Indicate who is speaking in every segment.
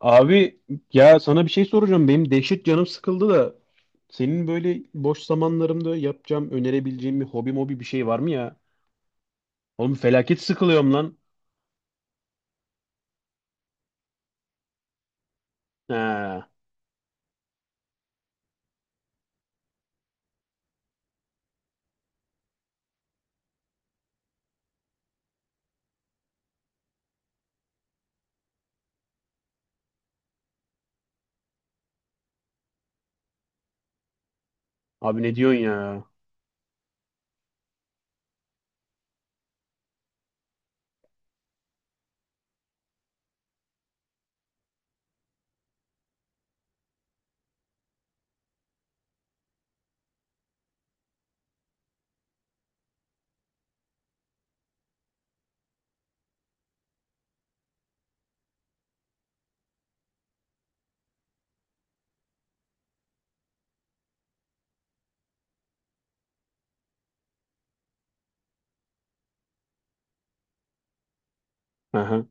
Speaker 1: Abi, ya sana bir şey soracağım. Benim dehşet canım sıkıldı da senin böyle boş zamanlarımda yapacağım, önerebileceğim bir hobi mobi bir şey var mı ya? Oğlum felaket sıkılıyorum lan. Ha, abi ne diyorsun ya? Aha.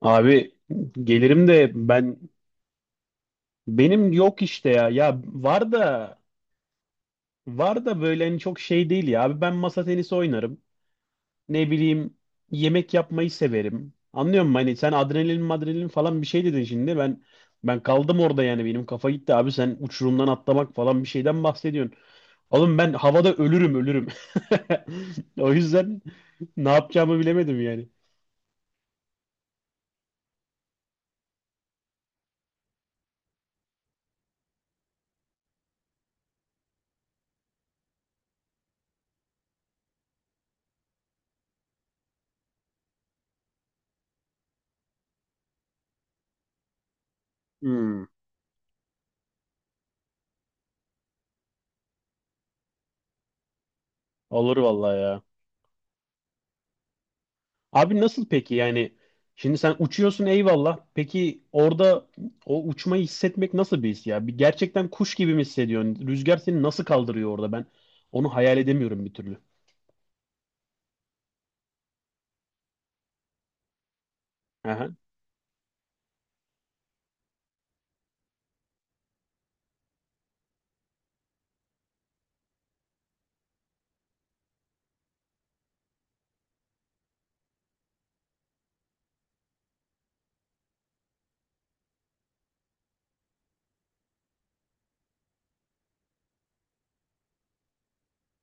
Speaker 1: Abi gelirim de benim yok işte ya. Ya var da böyle hani çok şey değil ya. Abi ben masa tenisi oynarım. Ne bileyim, yemek yapmayı severim. Anlıyor musun? Hani sen adrenalin madrenalin falan bir şey dedin şimdi. Ben kaldım orada yani benim kafa gitti abi, sen uçurumdan atlamak falan bir şeyden bahsediyorsun. Oğlum ben havada ölürüm ölürüm. O yüzden ne yapacağımı bilemedim yani. Hmm. Olur vallahi ya. Abi nasıl peki yani? Şimdi sen uçuyorsun, eyvallah. Peki orada o uçmayı hissetmek nasıl bir his ya? Bir gerçekten kuş gibi mi hissediyorsun? Rüzgar seni nasıl kaldırıyor orada? Ben onu hayal edemiyorum bir türlü. Aha.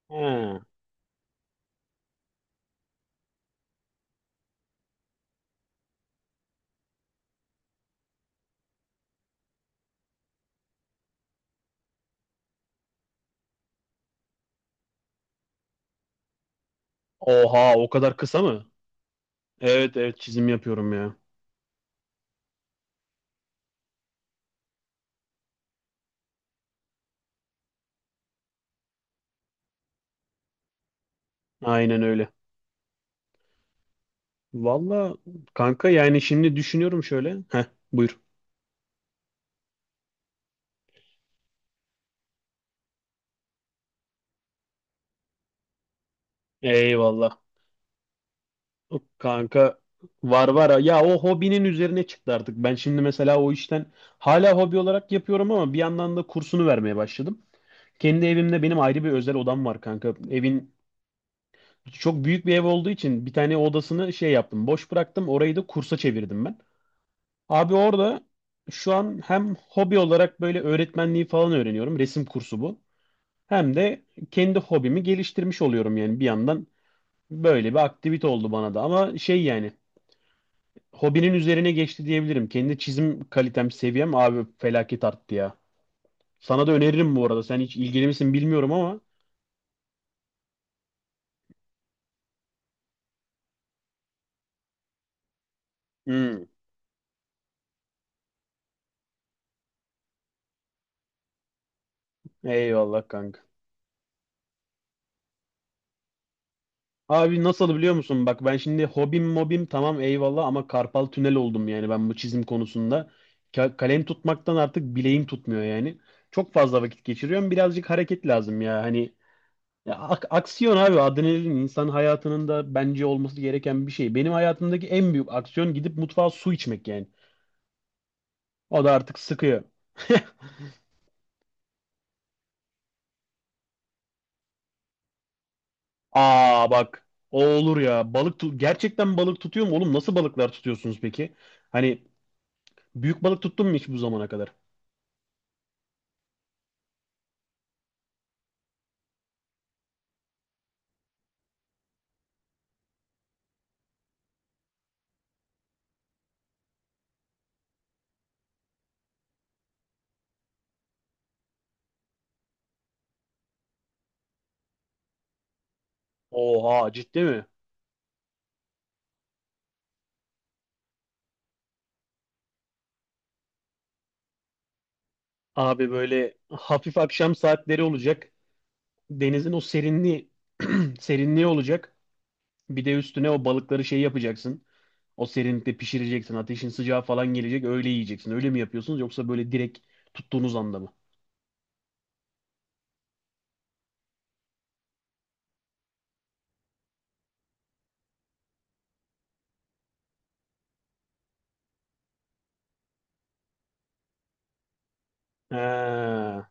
Speaker 1: Ha. Oha, o kadar kısa mı? Evet evet, çizim yapıyorum ya. Aynen öyle. Valla kanka, yani şimdi düşünüyorum şöyle. Heh, buyur. Eyvallah. Kanka var var. Ya o hobinin üzerine çıktı artık. Ben şimdi mesela o işten hala hobi olarak yapıyorum ama bir yandan da kursunu vermeye başladım. Kendi evimde benim ayrı bir özel odam var kanka. Evin çok büyük bir ev olduğu için bir tane odasını şey yaptım. Boş bıraktım. Orayı da kursa çevirdim ben. Abi orada şu an hem hobi olarak böyle öğretmenliği falan öğreniyorum. Resim kursu bu. Hem de kendi hobimi geliştirmiş oluyorum yani bir yandan böyle bir aktivite oldu bana da. Ama şey yani, hobinin üzerine geçti diyebilirim. Kendi çizim kalitem, seviyem abi felaket arttı ya. Sana da öneririm bu arada. Sen hiç ilgili misin bilmiyorum ama. Hmm, eyvallah kanka. Abi nasıl biliyor musun? Bak ben şimdi hobim mobim tamam eyvallah ama karpal tünel oldum yani ben bu çizim konusunda. Kalem tutmaktan artık bileğim tutmuyor yani. Çok fazla vakit geçiriyorum. Birazcık hareket lazım ya. Hani ya aksiyon abi, adrenalin insan hayatının da bence olması gereken bir şey. Benim hayatımdaki en büyük aksiyon gidip mutfağa su içmek yani. O da artık sıkıyor. Aa bak, o olur ya. Gerçekten balık tutuyor mu oğlum? Nasıl balıklar tutuyorsunuz peki? Hani büyük balık tuttun mu hiç bu zamana kadar? Oha, ciddi mi? Abi böyle hafif akşam saatleri olacak. Denizin o serinliği serinliği olacak. Bir de üstüne o balıkları şey yapacaksın. O serinlikte pişireceksin. Ateşin sıcağı falan gelecek. Öyle yiyeceksin. Öyle mi yapıyorsunuz yoksa böyle direkt tuttuğunuz anda mı? He.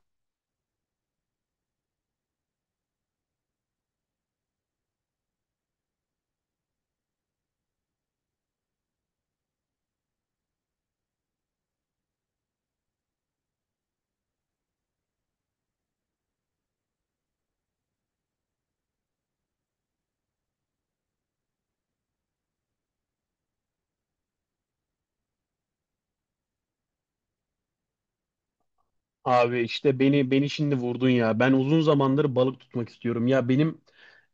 Speaker 1: Abi işte beni şimdi vurdun ya. Ben uzun zamandır balık tutmak istiyorum. Ya benim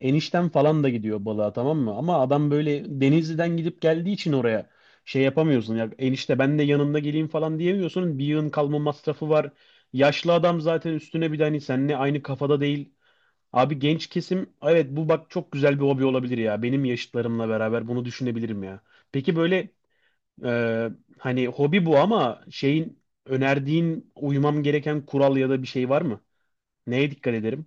Speaker 1: eniştem falan da gidiyor balığa, tamam mı? Ama adam böyle Denizli'den gidip geldiği için oraya şey yapamıyorsun. Ya enişte ben de yanında geleyim falan diyemiyorsun. Bir yığın kalma masrafı var. Yaşlı adam zaten, üstüne bir de hani seninle aynı kafada değil. Abi genç kesim evet, bu bak çok güzel bir hobi olabilir ya. Benim yaşıtlarımla beraber bunu düşünebilirim ya. Peki böyle ee, hani hobi bu ama şeyin önerdiğin uymam gereken kural ya da bir şey var mı? Neye dikkat ederim?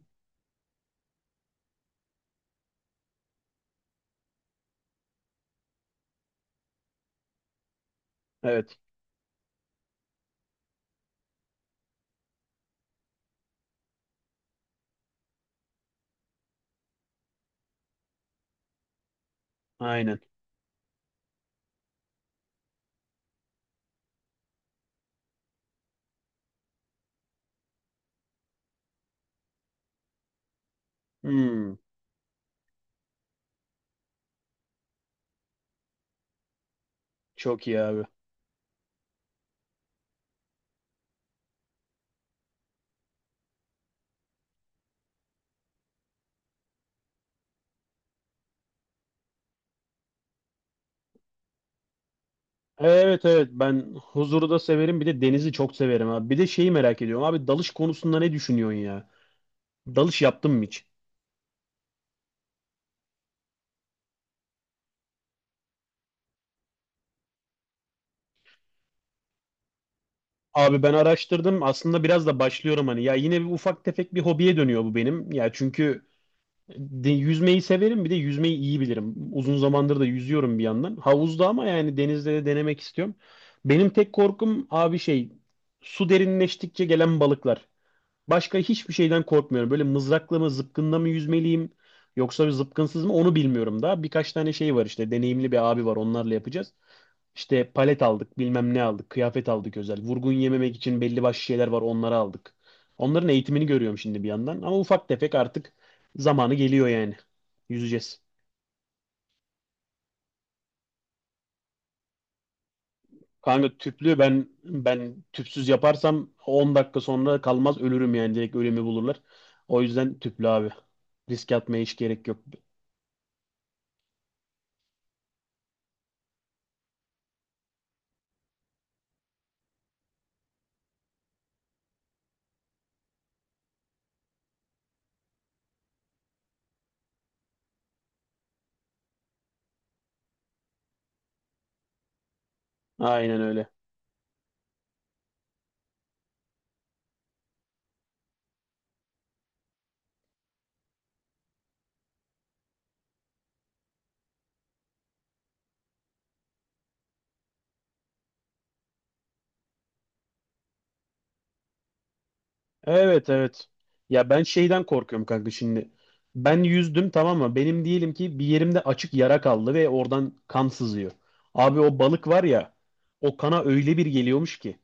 Speaker 1: Evet, aynen. Hmm, çok iyi abi. Evet evet, ben huzuru da severim bir de denizi çok severim abi. Bir de şeyi merak ediyorum abi, dalış konusunda ne düşünüyorsun ya? Dalış yaptın mı hiç? Abi ben araştırdım aslında, biraz da başlıyorum hani, ya yine bir ufak tefek bir hobiye dönüyor bu benim. Ya çünkü yüzmeyi severim bir de yüzmeyi iyi bilirim. Uzun zamandır da yüzüyorum bir yandan. Havuzda ama, yani denizde de denemek istiyorum. Benim tek korkum abi şey, su derinleştikçe gelen balıklar. Başka hiçbir şeyden korkmuyorum. Böyle mızrakla mı zıpkınla mı yüzmeliyim yoksa bir zıpkınsız mı onu bilmiyorum daha. Birkaç tane şey var işte, deneyimli bir abi var, onlarla yapacağız. İşte palet aldık, bilmem ne aldık, kıyafet aldık özel. Vurgun yememek için belli başlı şeyler var, onları aldık. Onların eğitimini görüyorum şimdi bir yandan. Ama ufak tefek artık zamanı geliyor yani. Yüzeceğiz. Kanka tüplü, ben tüpsüz yaparsam 10 dakika sonra kalmaz ölürüm yani direkt ölümü bulurlar. O yüzden tüplü abi. Risk atmaya hiç gerek yok. Aynen öyle. Evet evet. Ya ben şeyden korkuyorum kanka şimdi. Ben yüzdüm tamam mı? Benim diyelim ki bir yerimde açık yara kaldı ve oradan kan sızıyor. Abi o balık var ya, o kana öyle bir geliyormuş ki.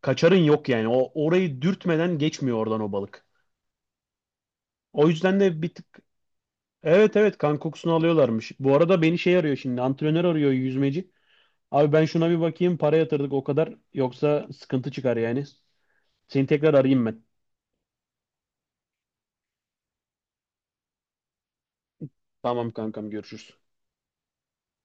Speaker 1: Kaçarın yok yani. O orayı dürtmeden geçmiyor oradan o balık. O yüzden de bir tık evet evet, kan kokusunu alıyorlarmış. Bu arada beni şey arıyor şimdi, antrenör arıyor yüzmeci. Abi ben şuna bir bakayım, para yatırdık o kadar yoksa sıkıntı çıkar yani. Seni tekrar arayayım ben. Tamam kankam, görüşürüz.